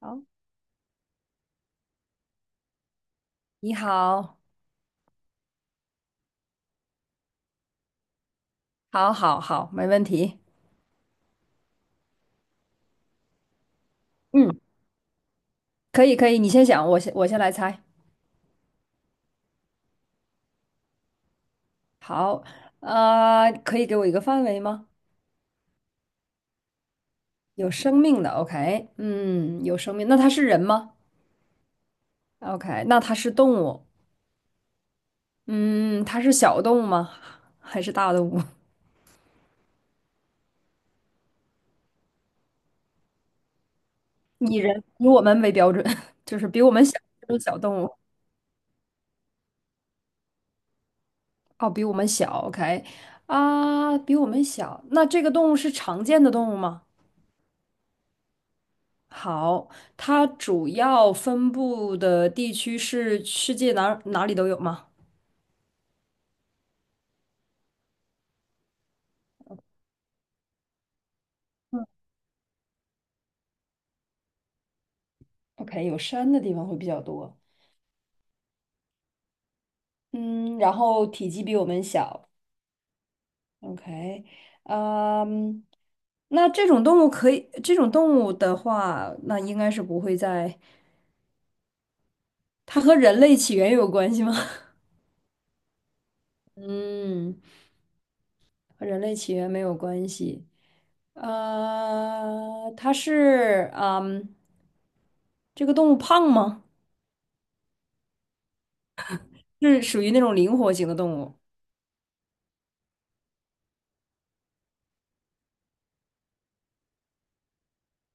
好，你好，好，好，好，没问题。嗯，可以，可以，你先想，我先来猜。好，可以给我一个范围吗？有生命的，OK，嗯，有生命，那它是人吗？OK，那它是动物，嗯，它是小动物吗？还是大动物？以人以我们为标准，就是比我们小这种小动物，哦，比我们小，OK，啊，比我们小，那这个动物是常见的动物吗？好，它主要分布的地区是世界哪里都有吗？嗯， OK，有山的地方会比较多。嗯，然后体积比我们小。OK，嗯，那这种动物可以，这种动物的话，那应该是不会在，它和人类起源有关系吗？嗯，和人类起源没有关系。它是，嗯，这个动物胖吗？是属于那种灵活型的动物，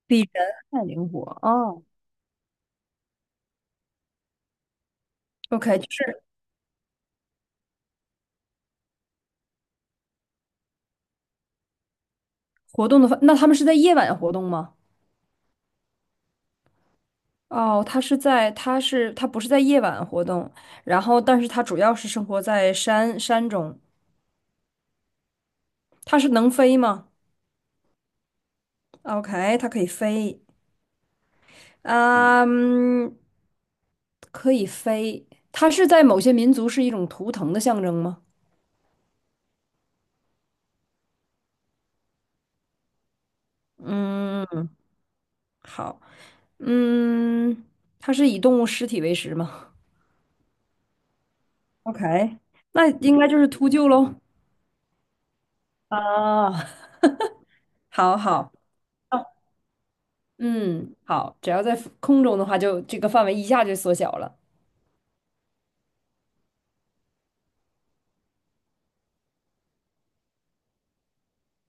比人还灵活哦。OK，就是活动的话，那它们是在夜晚活动吗？哦，它是在，它是，它不是在夜晚活动，然后，但是它主要是生活在山中。它是能飞吗？OK，它可以飞，啊嗯，可以飞。它是在某些民族是一种图腾的象征吗？嗯，好，嗯，它是以动物尸体为食吗？OK，那应该就是秃鹫喽。啊，好好，哦，嗯，好，只要在空中的话就，这个范围一下就缩小了。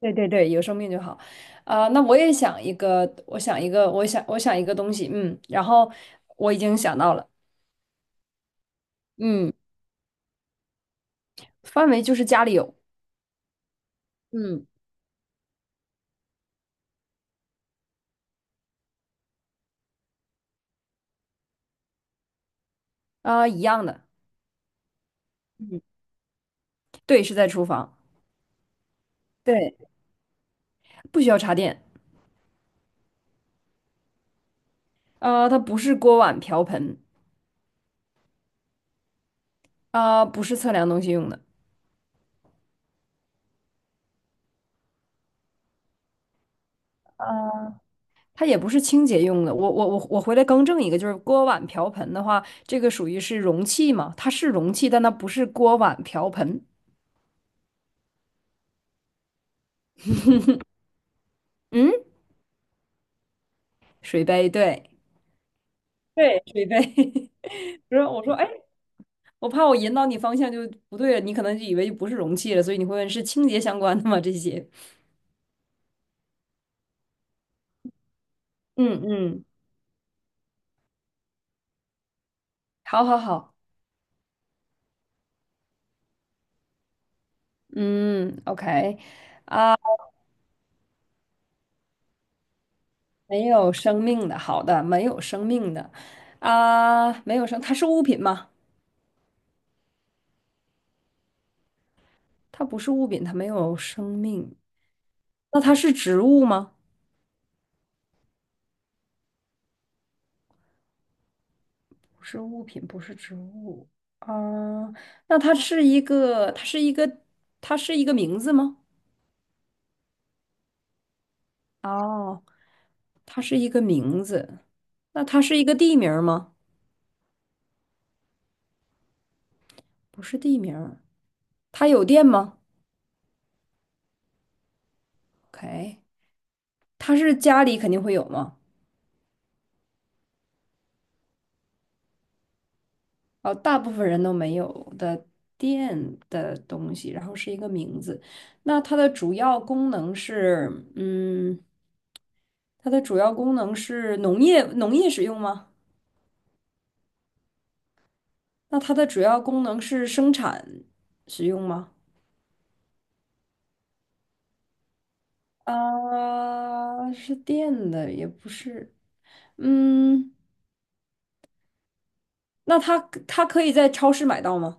对对对，有生命就好。啊、那我也想一个，我想一个，我想一个东西，嗯，然后我已经想到了，嗯，范围就是家里有，嗯，啊、一样的，嗯，对，是在厨房，对，不需要插电，啊、它不是锅碗瓢盆，啊、不是测量东西用的，啊。它也不是清洁用的。我回来更正一个，就是锅碗瓢盆的话，这个属于是容器嘛？它是容器，但它不是锅碗瓢盆。嗯，水杯，对对，水杯。不是，我说，哎，我怕我引导你方向就不对了，你可能就以为就不是容器了，所以你会问是清洁相关的吗？这些。嗯嗯，好好好，嗯，OK，没有生命的，好的，没有生命的，啊，没有生，它是物品吗？它不是物品，它没有生命。那它是植物吗？不是物品，不是植物。啊、那它是一个，它是一个，它是一个名字吗？哦，它是一个名字。那它是一个地名儿吗？不是地名儿。它有电吗？OK，它是家里肯定会有吗？哦，大部分人都没有的电的东西，然后是一个名字。那它的主要功能是，嗯，它的主要功能是农业使用吗？那它的主要功能是生产使用吗？啊，是电的，也不是。嗯，那它它可以在超市买到吗？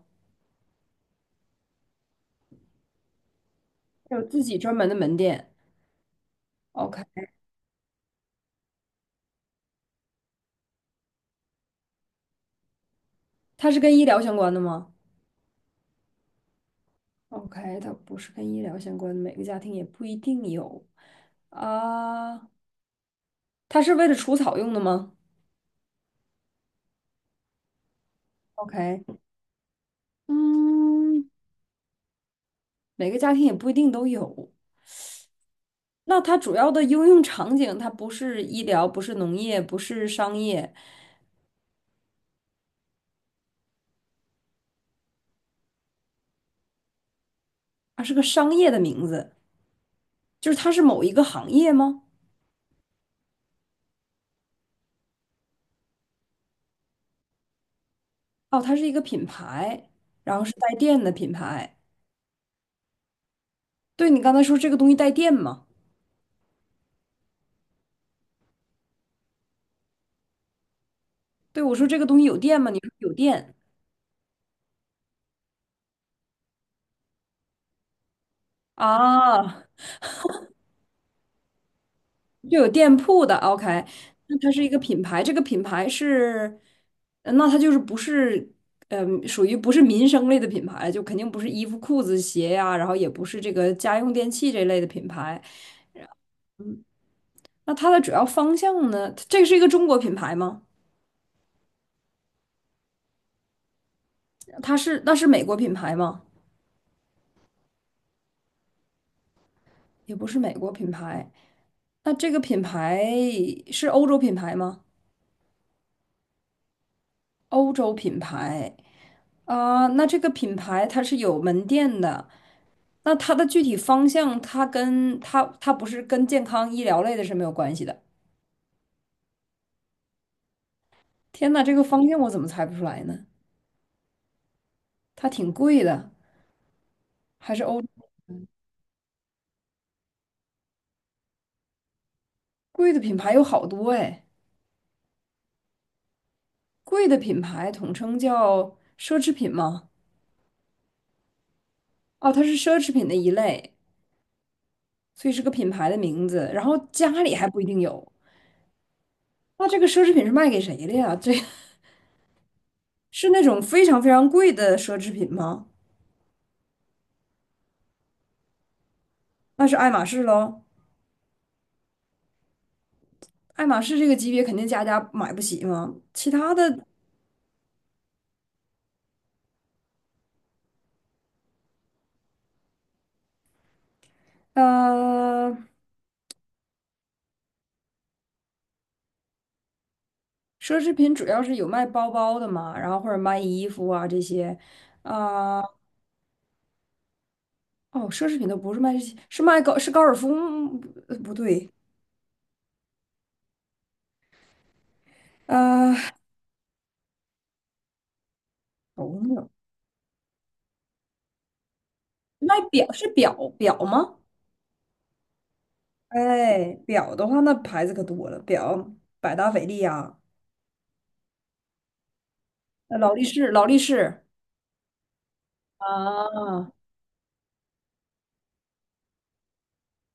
有自己专门的门店。OK，它是跟医疗相关的吗？OK，它不是跟医疗相关的，每个家庭也不一定有。啊，它是为了除草用的吗？OK，嗯，每个家庭也不一定都有。那它主要的应用场景，它不是医疗，不是农业，不是商业，它是个商业的名字，就是它是某一个行业吗？哦，它是一个品牌，然后是带电的品牌。对，你刚才说这个东西带电吗？对，我说这个东西有电吗？你说有电啊，就有店铺的，OK，那它是一个品牌，这个品牌是，那它就是不是，嗯、属于不是民生类的品牌，就肯定不是衣服、裤子、鞋呀、然后也不是这个家用电器这类的品牌。那它的主要方向呢？这个是一个中国品牌吗？它是，那是美国品牌吗？也不是美国品牌。那这个品牌是欧洲品牌吗？欧洲品牌啊、那这个品牌它是有门店的。那它的具体方向，它不是跟健康医疗类的是没有关系的。天呐，这个方向我怎么猜不出来呢？它挺贵的，还是欧贵的品牌有好多哎，贵的品牌统称叫奢侈品吗？哦，它是奢侈品的一类，所以是个品牌的名字。然后家里还不一定有，那这个奢侈品是卖给谁的呀？这 是那种非常非常贵的奢侈品吗？那是爱马仕喽。爱马仕这个级别肯定家家买不起嘛，其他的呃，奢侈品主要是有卖包包的嘛，然后或者卖衣服啊这些，啊、哦，奢侈品都不是卖这些，是卖高是高尔夫吗不对，啊，头牛卖表是表表吗？哎，表的话那牌子可多了，表百达翡丽啊，劳力士，劳力士啊，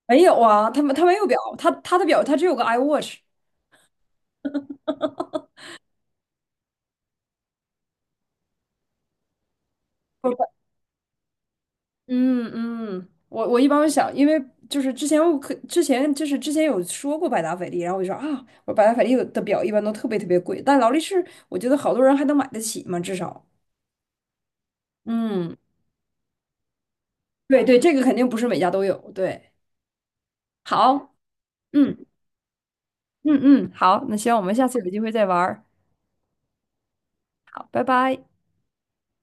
没有啊，他没有表，他的表他只有个 iWatch。嗯嗯，我一般会想，因为就是之前我可之前就是之前有说过百达翡丽，然后我就说啊，我百达翡丽有的表一般都特别特别贵，但劳力士我觉得好多人还能买得起嘛，至少，嗯，对对，这个肯定不是每家都有，对，好，嗯嗯，好，那希望我们下次有机会再玩儿，好，拜拜。